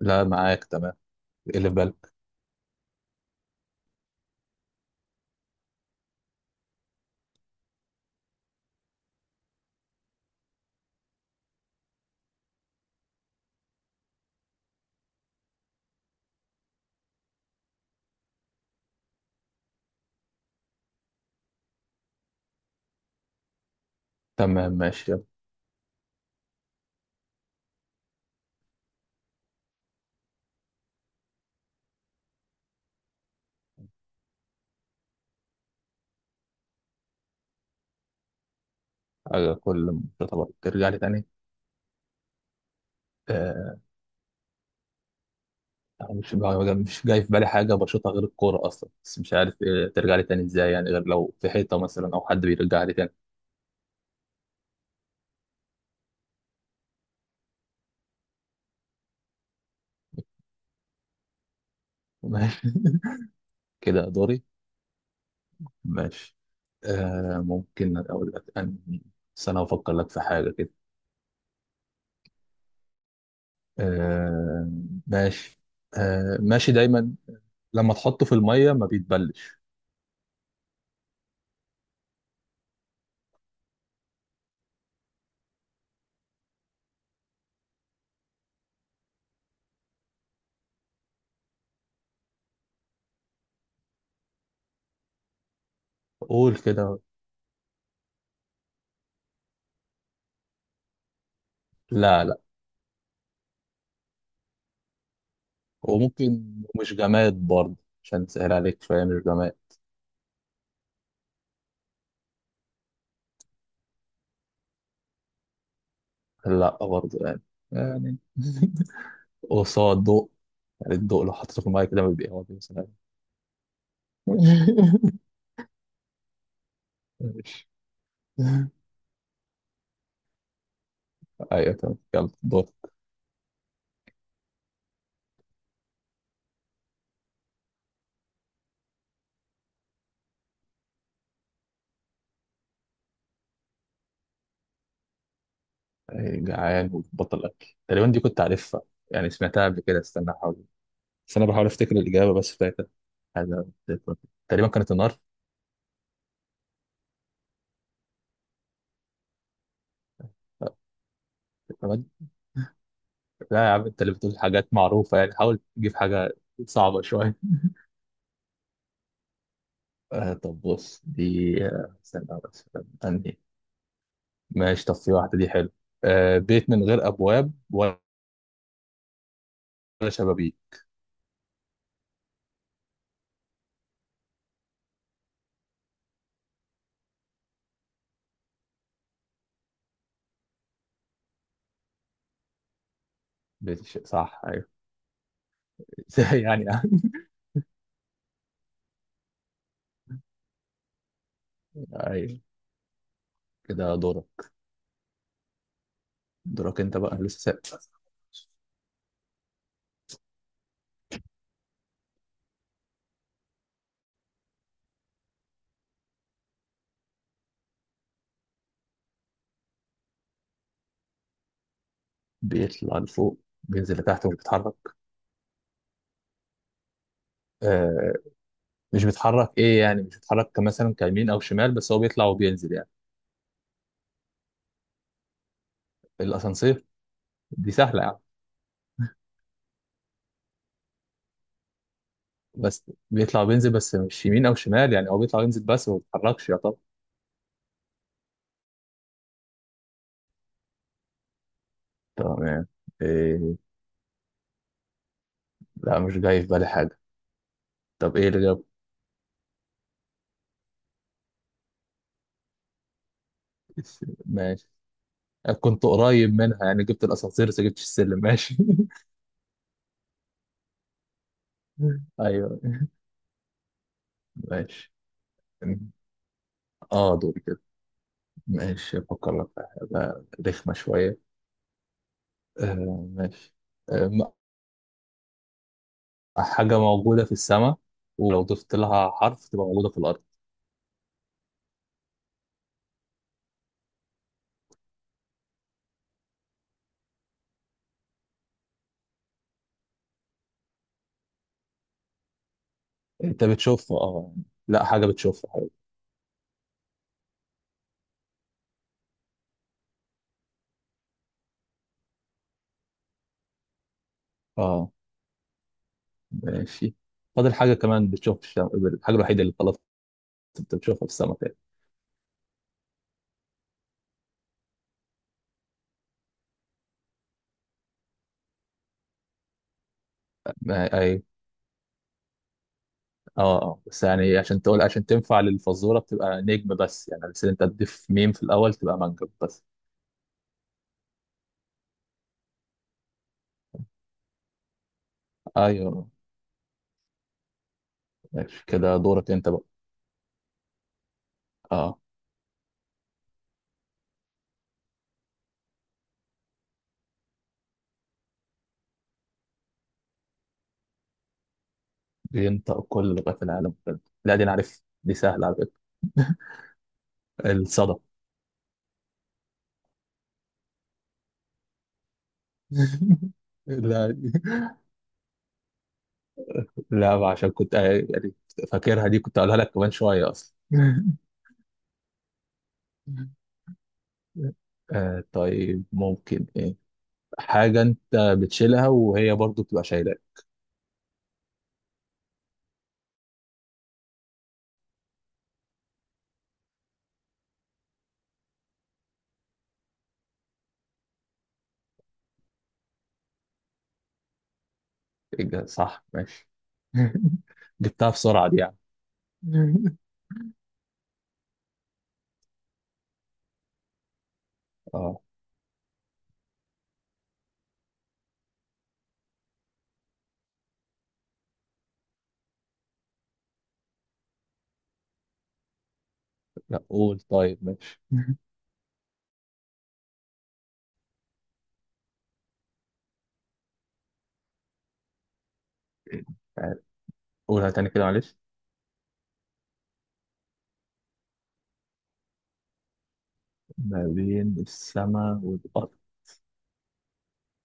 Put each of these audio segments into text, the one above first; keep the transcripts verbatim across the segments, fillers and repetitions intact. لا، معاك تمام. اللي في بالك. تمام، ماشي يلا. على كل. طبعا ترجع لي تاني. آه، مش مش جاي في بالي حاجة بشوطها غير الكورة أصلا، بس مش عارف إيه ترجع لي تاني إزاي يعني، غير لو في حيطة مثلا أو حد بيرجع لي تاني. ماشي. كده دوري. ماشي. آه ممكن أقول لك أنهي. بس أنا هفكر لك في حاجة كده. آه، ماشي. آه، ماشي دايما. لما تحطه في المية ما بيتبلش. قول كده. لا، لا. وممكن مش جماد برضه، عشان تسهل عليك شوية مش جماد. لا برضه يعني يعني قصاد الضوء. يعني الضوء لو حطيته في المية كده ما بيبقى مثلا. ماشي. ايوه تمام، يلا دور. أي جعان وبطل اكل تقريبا دي كنت عارفها، يعني سمعتها قبل كده. استنى احاول، بس انا بحاول افتكر الاجابه، بس فاكر حاجه تقريبا كانت النار. لا، لا يا عم انت اللي بتقول حاجات معروفه يعني، حاول تجيب حاجه صعبه شويه. آه، طب بص دي. آه، استنى بس. أنهي. ماشي، طب في واحدة دي حلو. آه، بيت من غير أبواب ولا شبابيك. بيت الش... صح، أيوه. ازاي يعني. أيوه، كده دورك. دورك أنت بقى لسه سابق. بيطلع لفوق بينزل لتحت ومش بيتحرك. آه، مش بيتحرك إيه يعني؟ مش بيتحرك كمثلا كيمين أو شمال، بس هو بيطلع وبينزل يعني. الأسانسير. دي سهلة يعني. بس بيطلع وبينزل بس مش يمين أو شمال، يعني هو بيطلع وينزل بس ما بيتحركش يا طب. تمام. إيه؟ لا، مش جاي في بالي حاجة. طب ايه اللي جاب؟ ماشي. كنت قريب منها يعني، جبت الاسانسير بس جبتش السلم. ماشي. ايوه. ماشي اه دول كده. ماشي، افكر لك في حاجه رخمه شويه. آه، ماشي. آه م- حاجه موجوده في السماء، ولو ضفت لها حرف تبقى موجوده في الارض. انت بتشوفها اه يعني. لا، حاجه بتشوفها حاجة. اه، ماشي. فاضل حاجه كمان بتشوف في الشم... الحاجه الوحيده اللي خلاص انت بتشوفها في السماء تاني. ما- ايوه. اه، اه، بس يعني عشان تقول، عشان تنفع للفزوره بتبقى نجم بس، يعني بس انت تضيف ميم في الاول تبقى منجم بس. ايوه، ماشي، كده دورك انت بقى. اه، بينطق كل لغات العالم كده؟ لا دي انا عارف دي سهله على فكره. الصدى. لا دي- لا، عشان كنت، آه، يعني فاكرها دي، كنت اقولها لك كمان شويه اصلا. آه، طيب ممكن ايه. حاجه انت بتشيلها وهي برضو بتبقى شايله. إج- صح، ماشي. جبتها بسرعة دي يعني. اه. لا، قول طيب ماشي. تعال، قولها تاني كده معلش. ما بين السماء والأرض؟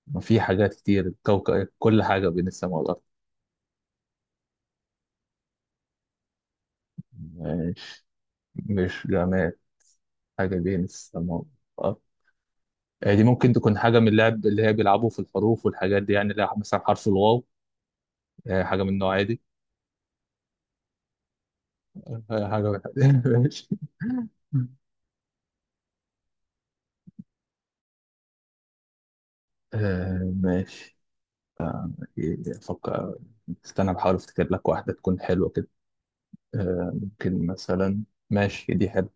ما في حاجات كتير، الكوكب كل حاجة بين السماء والأرض. ماشي، مش جماد. حاجة بين السماء والأرض. آه، دي ممكن تكون حاجة من اللعب اللي هي بيلعبوا في الحروف والحاجات دي، يعني اللي هي مثلا حرف الواو. آه، حاجة من النوع دي. آه، حاجة من ماشي. آه، ماشي، أفكر. استنى بحاول افتكر لك واحدة تكون حلوة كده. آه، ممكن مثلا. ماشي، دي حلوة.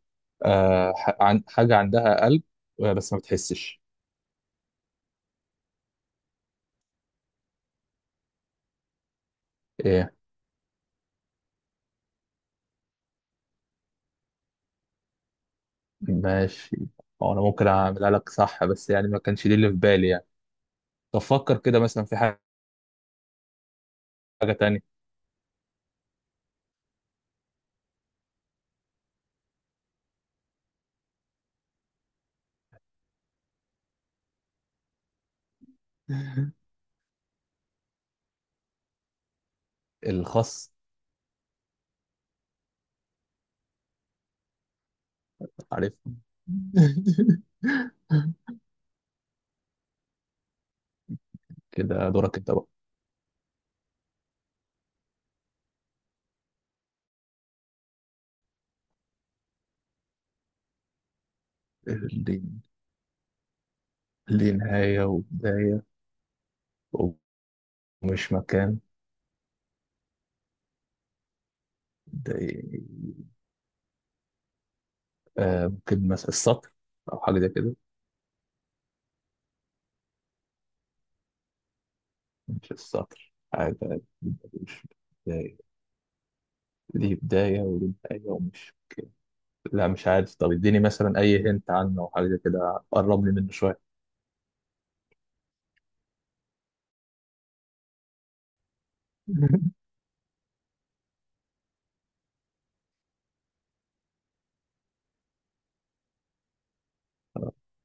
آه، ح- عن- حاجة عندها قلب، آه، بس ما بتحسش. ايه؟ ماشي. هو انا ممكن اعملها لك صح، بس يعني ما كانش دي اللي في بالي يعني. طب فكر كده مثلا في حاجة تانية. الخس. عارف كده دورك انت بقى. ليه ليه نهاية وبداية ومش مكان ده؟ آه، ممكن مثلا السطر أو حاجة زي كده. مش السطر، عادي عادي. مش بداية. ليه بداية وليه نهاية ومش. لا مش عارف، طب اديني مثلا أي هنت عنه أو حاجة كده قرب لي منه شوية.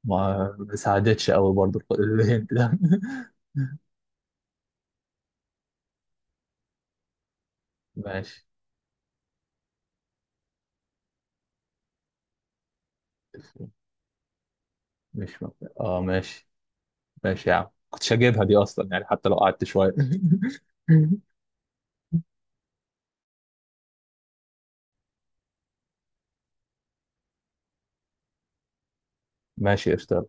ما ما ساعدتش قوي برضو الهنت ده. ماشي، مش مبدأ. اه، ماشي. ماشي يا عم كنتش هجيبها دي أصلا يعني، حتى لو قعدت شوية. ماشي، قشطة.